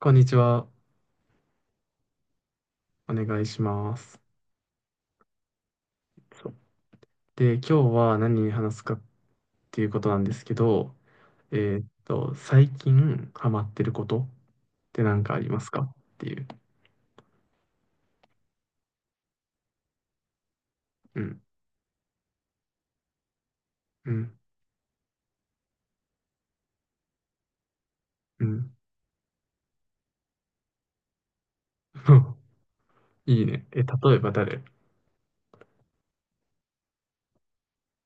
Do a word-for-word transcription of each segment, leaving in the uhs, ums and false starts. こんにちは。お願いします。そうで、今日は何に話すかっていうことなんですけど、えーっと、最近ハマってることって何かありますかっていう。うん、うん、うん。いいね。え、例えば誰？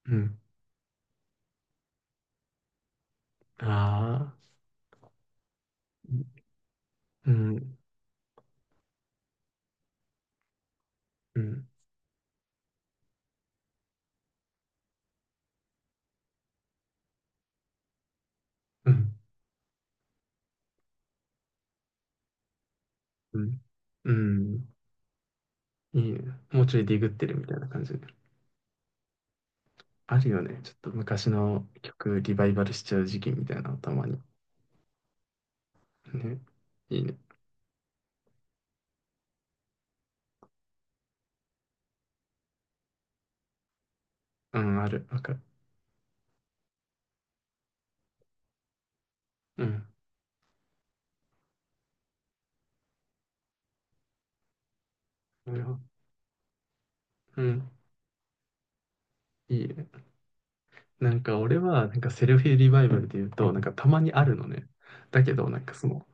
うん。ああ、うん、うん、うん、うん、うん。いいね。もうちょいディグってるみたいな感じ。あるよね。ちょっと昔の曲リバイバルしちゃう時期みたいなのたまに。ね。いいね。うん、ある。わかる。うん。なるほど。うん。いいね。なんか俺は、なんかセルフリバイバルで言うと、なんかたまにあるのね。だけど、なんかその、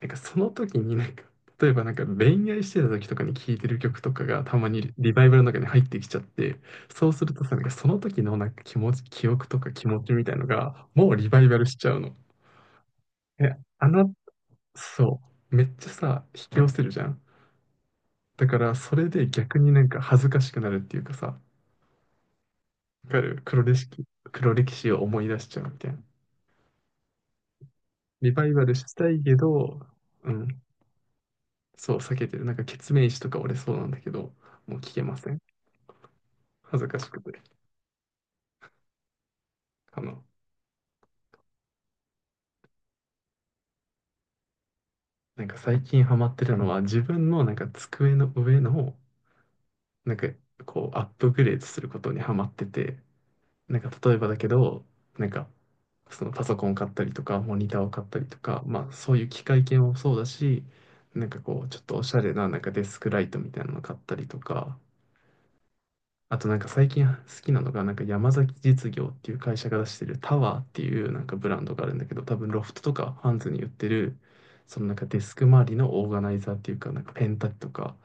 なんかその時になんか、例えばなんか恋愛してた時とかに聴いてる曲とかがたまにリバイバルの中に入ってきちゃって、そうするとさ、なんかその時のなんか気持ち、記憶とか気持ちみたいのが、もうリバイバルしちゃうの。え、あの、そう。めっちゃさ、引き寄せるじゃん。だから、それで逆になんか恥ずかしくなるっていうかさ、わかる。黒歴史、黒歴史を思い出しちゃうみたいな。リバイバルしたいけど、うん、そう、避けてる。なんか、ケツメイシとか俺そうなんだけど、もう聞けません。恥ずかしくて。あの、なんか最近ハマってるのは、自分のなんか机の上の、なんか、こう、アップグレードすることにハマってて、なんか、例えばだけど、なんか、そのパソコンを買ったりとか、モニターを買ったりとか、まあ、そういう機械系もそうだし、なんかこう、ちょっとおしゃれな、なんかデスクライトみたいなの買ったりとか、あとなんか最近好きなのが、なんか山崎実業っていう会社が出してるタワーっていうなんかブランドがあるんだけど、多分ロフトとかハンズに売ってる、そのなんかデスク周りのオーガナイザーっていうか、なんかペン立てとか、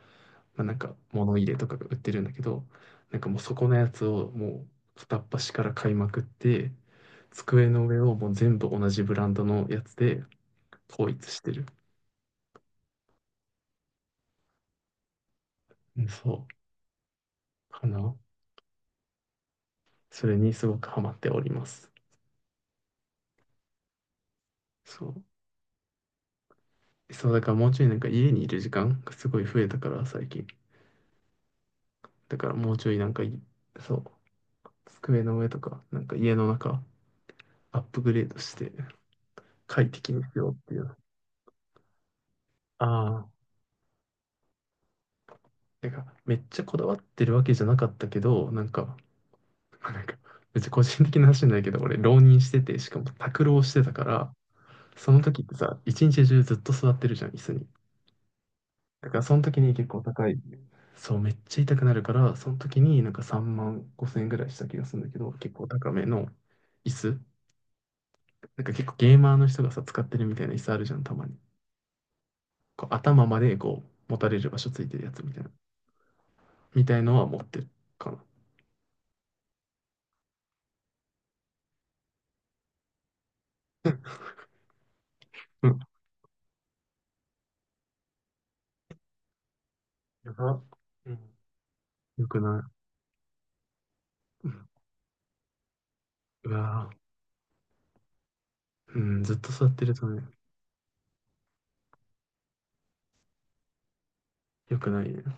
まあ、なんか物入れとかが売ってるんだけど、なんかもうそこのやつをもう片っ端から買いまくって、机の上をもう全部同じブランドのやつで統一してる。うん、そう、かな。それにすごくハマっております。そう。そう、だからもうちょいなんか家にいる時間がすごい増えたから、最近。だからもうちょいなんかい、そう、机の上とか、なんか家の中、アップグレードして、快適にしようっていう。ああ。てか、めっちゃこだわってるわけじゃなかったけど、なんか、なんか、めっちゃ個人的な話になるけど、俺、浪人してて、しかも宅浪してたから、その時ってさ、一日中ずっと座ってるじゃん、椅子に。だから、その時に結構高い、そう、めっちゃ痛くなるから、その時になんかさんまんごせん円ぐらいした気がするんだけど、結構高めの椅子。なんか結構ゲーマーの人がさ、使ってるみたいな椅子あるじゃん、たまに。こう頭までこう、持たれる場所ついてるやつみたいな。みたいのは持ってるかな。うん。やば。うん。よくない。うん。うわぁ。うん、ずっと座ってるとね、よくないね。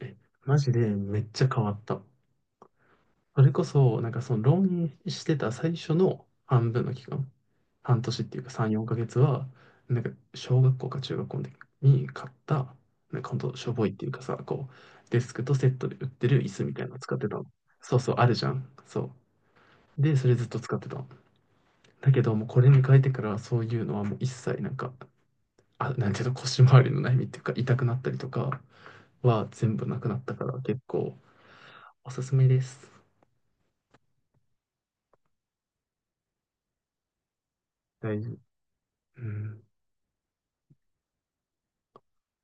え、マジでめっちゃ変わった。それこそ、なんかその浪人してた最初の半分の期間、半年っていうかさん、よんかげつは、なんか小学校か中学校の時に買った、なんかほんとしょぼいっていうかさ、こう、デスクとセットで売ってる椅子みたいなの使ってたの。そうそう、あるじゃん。そう。で、それずっと使ってたの。だけど、もうこれに変えてから、そういうのはもう一切なんか、あ、なんていうの、腰回りの悩みっていうか、痛くなったりとかは全部なくなったから、結構おすすめです。大事。うん。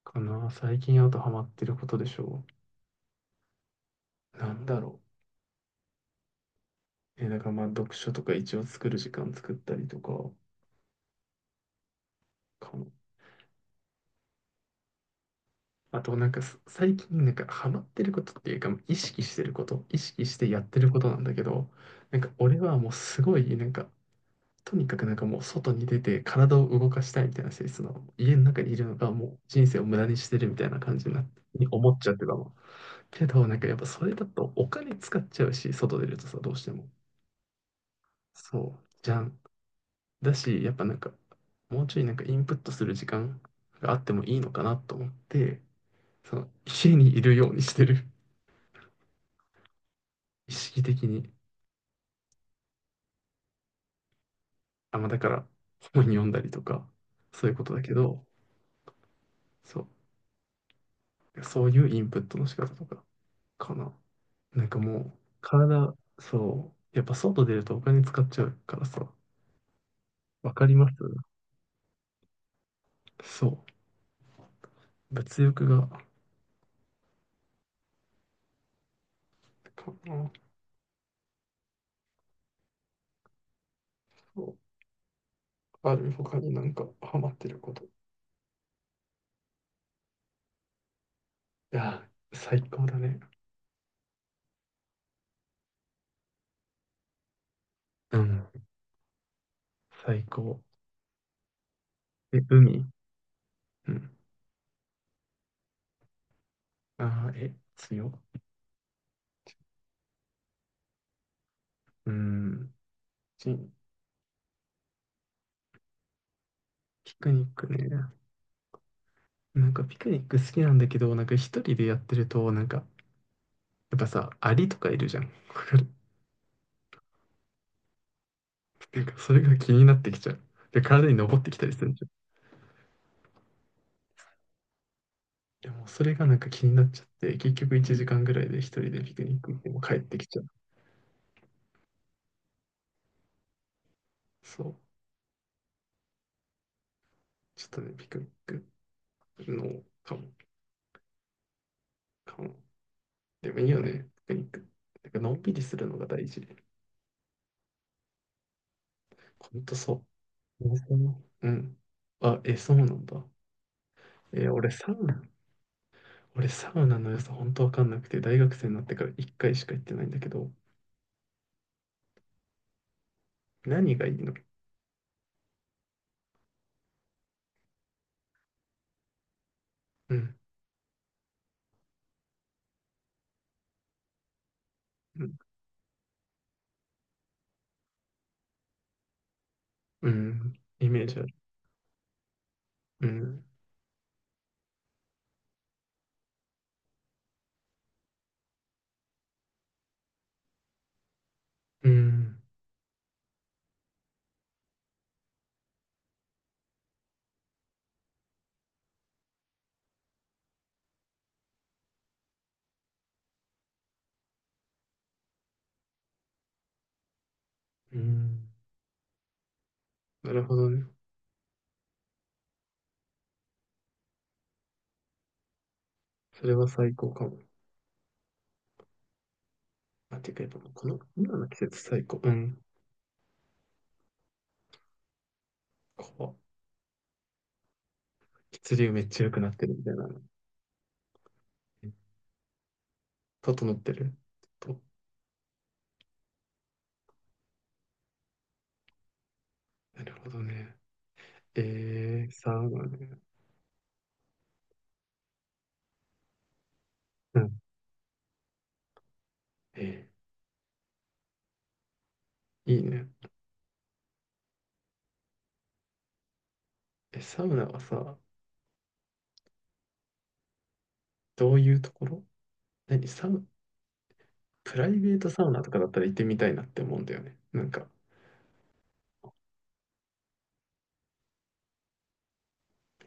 かな。最近あとハマってることでしょう。なんだろう。え、だからまあ読書とか一応作る時間作ったりとかかな。あとなんかす最近なんかハマってることっていうか意識してること、意識してやってることなんだけど、なんか俺はもうすごいなんかとにかくなんかもう外に出て体を動かしたいみたいな性質の家の中にいるのがもう人生を無駄にしてるみたいな感じになってに思っちゃってたの。けどなんかやっぱそれだとお金使っちゃうし、外出るとさ、どうしても。そう。じゃん。だし、やっぱなんか、もうちょいなんかインプットする時間があってもいいのかなと思って、その家にいるようにしてる。意識的に。あ、まあだから本読んだりとか、そういうことだけど、そう、そういうインプットの仕方とかかな。なんかもう、体、そう、やっぱ外出るとお金使っちゃうからさ、わかります。そう、物欲が、かな。そう、ある他になんかハマってること。いや、最高だね。うん。最高。え、海？うん。ああ、え、強。うん。しピクニックね。なんかピクニック好きなんだけど、なんか一人でやってると、なんか、やっぱさ、アリとかいるじゃん。わかる。なんかそれが気になってきちゃう。で、体に登ってきたりするじゃん。でもそれがなんか気になっちゃって、結局いちじかんぐらいで一人でピクニック行っても帰ってきちゃう。そう。ちょっとね、ピクニックの、かも、かも。でもいいよね、ピクニック。なんかのんびりするのが大事。ほんとそう。温泉。うん。あ、え、そうなんだ。え、俺サウナ、俺サウナの良さ本当わかんなくて、大学生になってからいっかいしか行ってないんだけど、何がいいの？うん、うん、うん。イメージある。うん、うん、うん。なるほどね。それは最高かも。あ、てかやっぱもうこの今の季節最高。うん。こう、血流めっちゃ良くなってるみたいな。整ってる。と、なるほどね。えー、サウナね。うん。えーいいね。え、サウナはさ、どういうところ？何サウ、プライベートサウナとかだったら行ってみたいなって思うんだよね。なんか、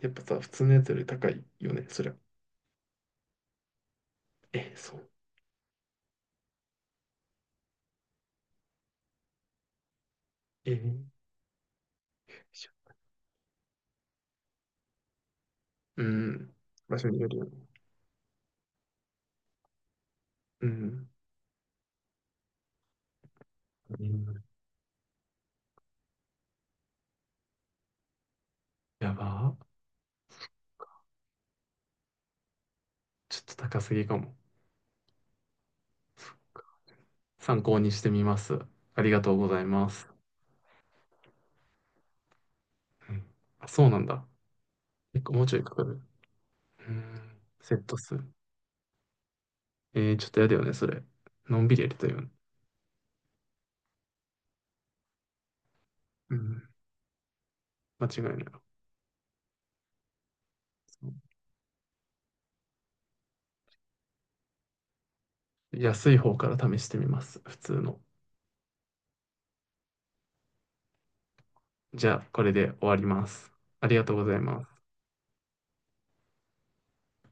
やっぱさ、普通のやつより高いよね、そりゃ。え、そう。えー、よいしょ。うん。場所によるよね。うん。うん。やばー。ちょっと高すぎかも。参考にしてみます。ありがとうございます。うん。あ、そうなんだ。結構もうちょいかかる。うん。セット数。えー、ちょっとやだよね、それ。のんびりやりたいよね。うん。間違いない。そう、安い方から試してみます。普通の。じゃあ、これで終わります。ありがとうございます。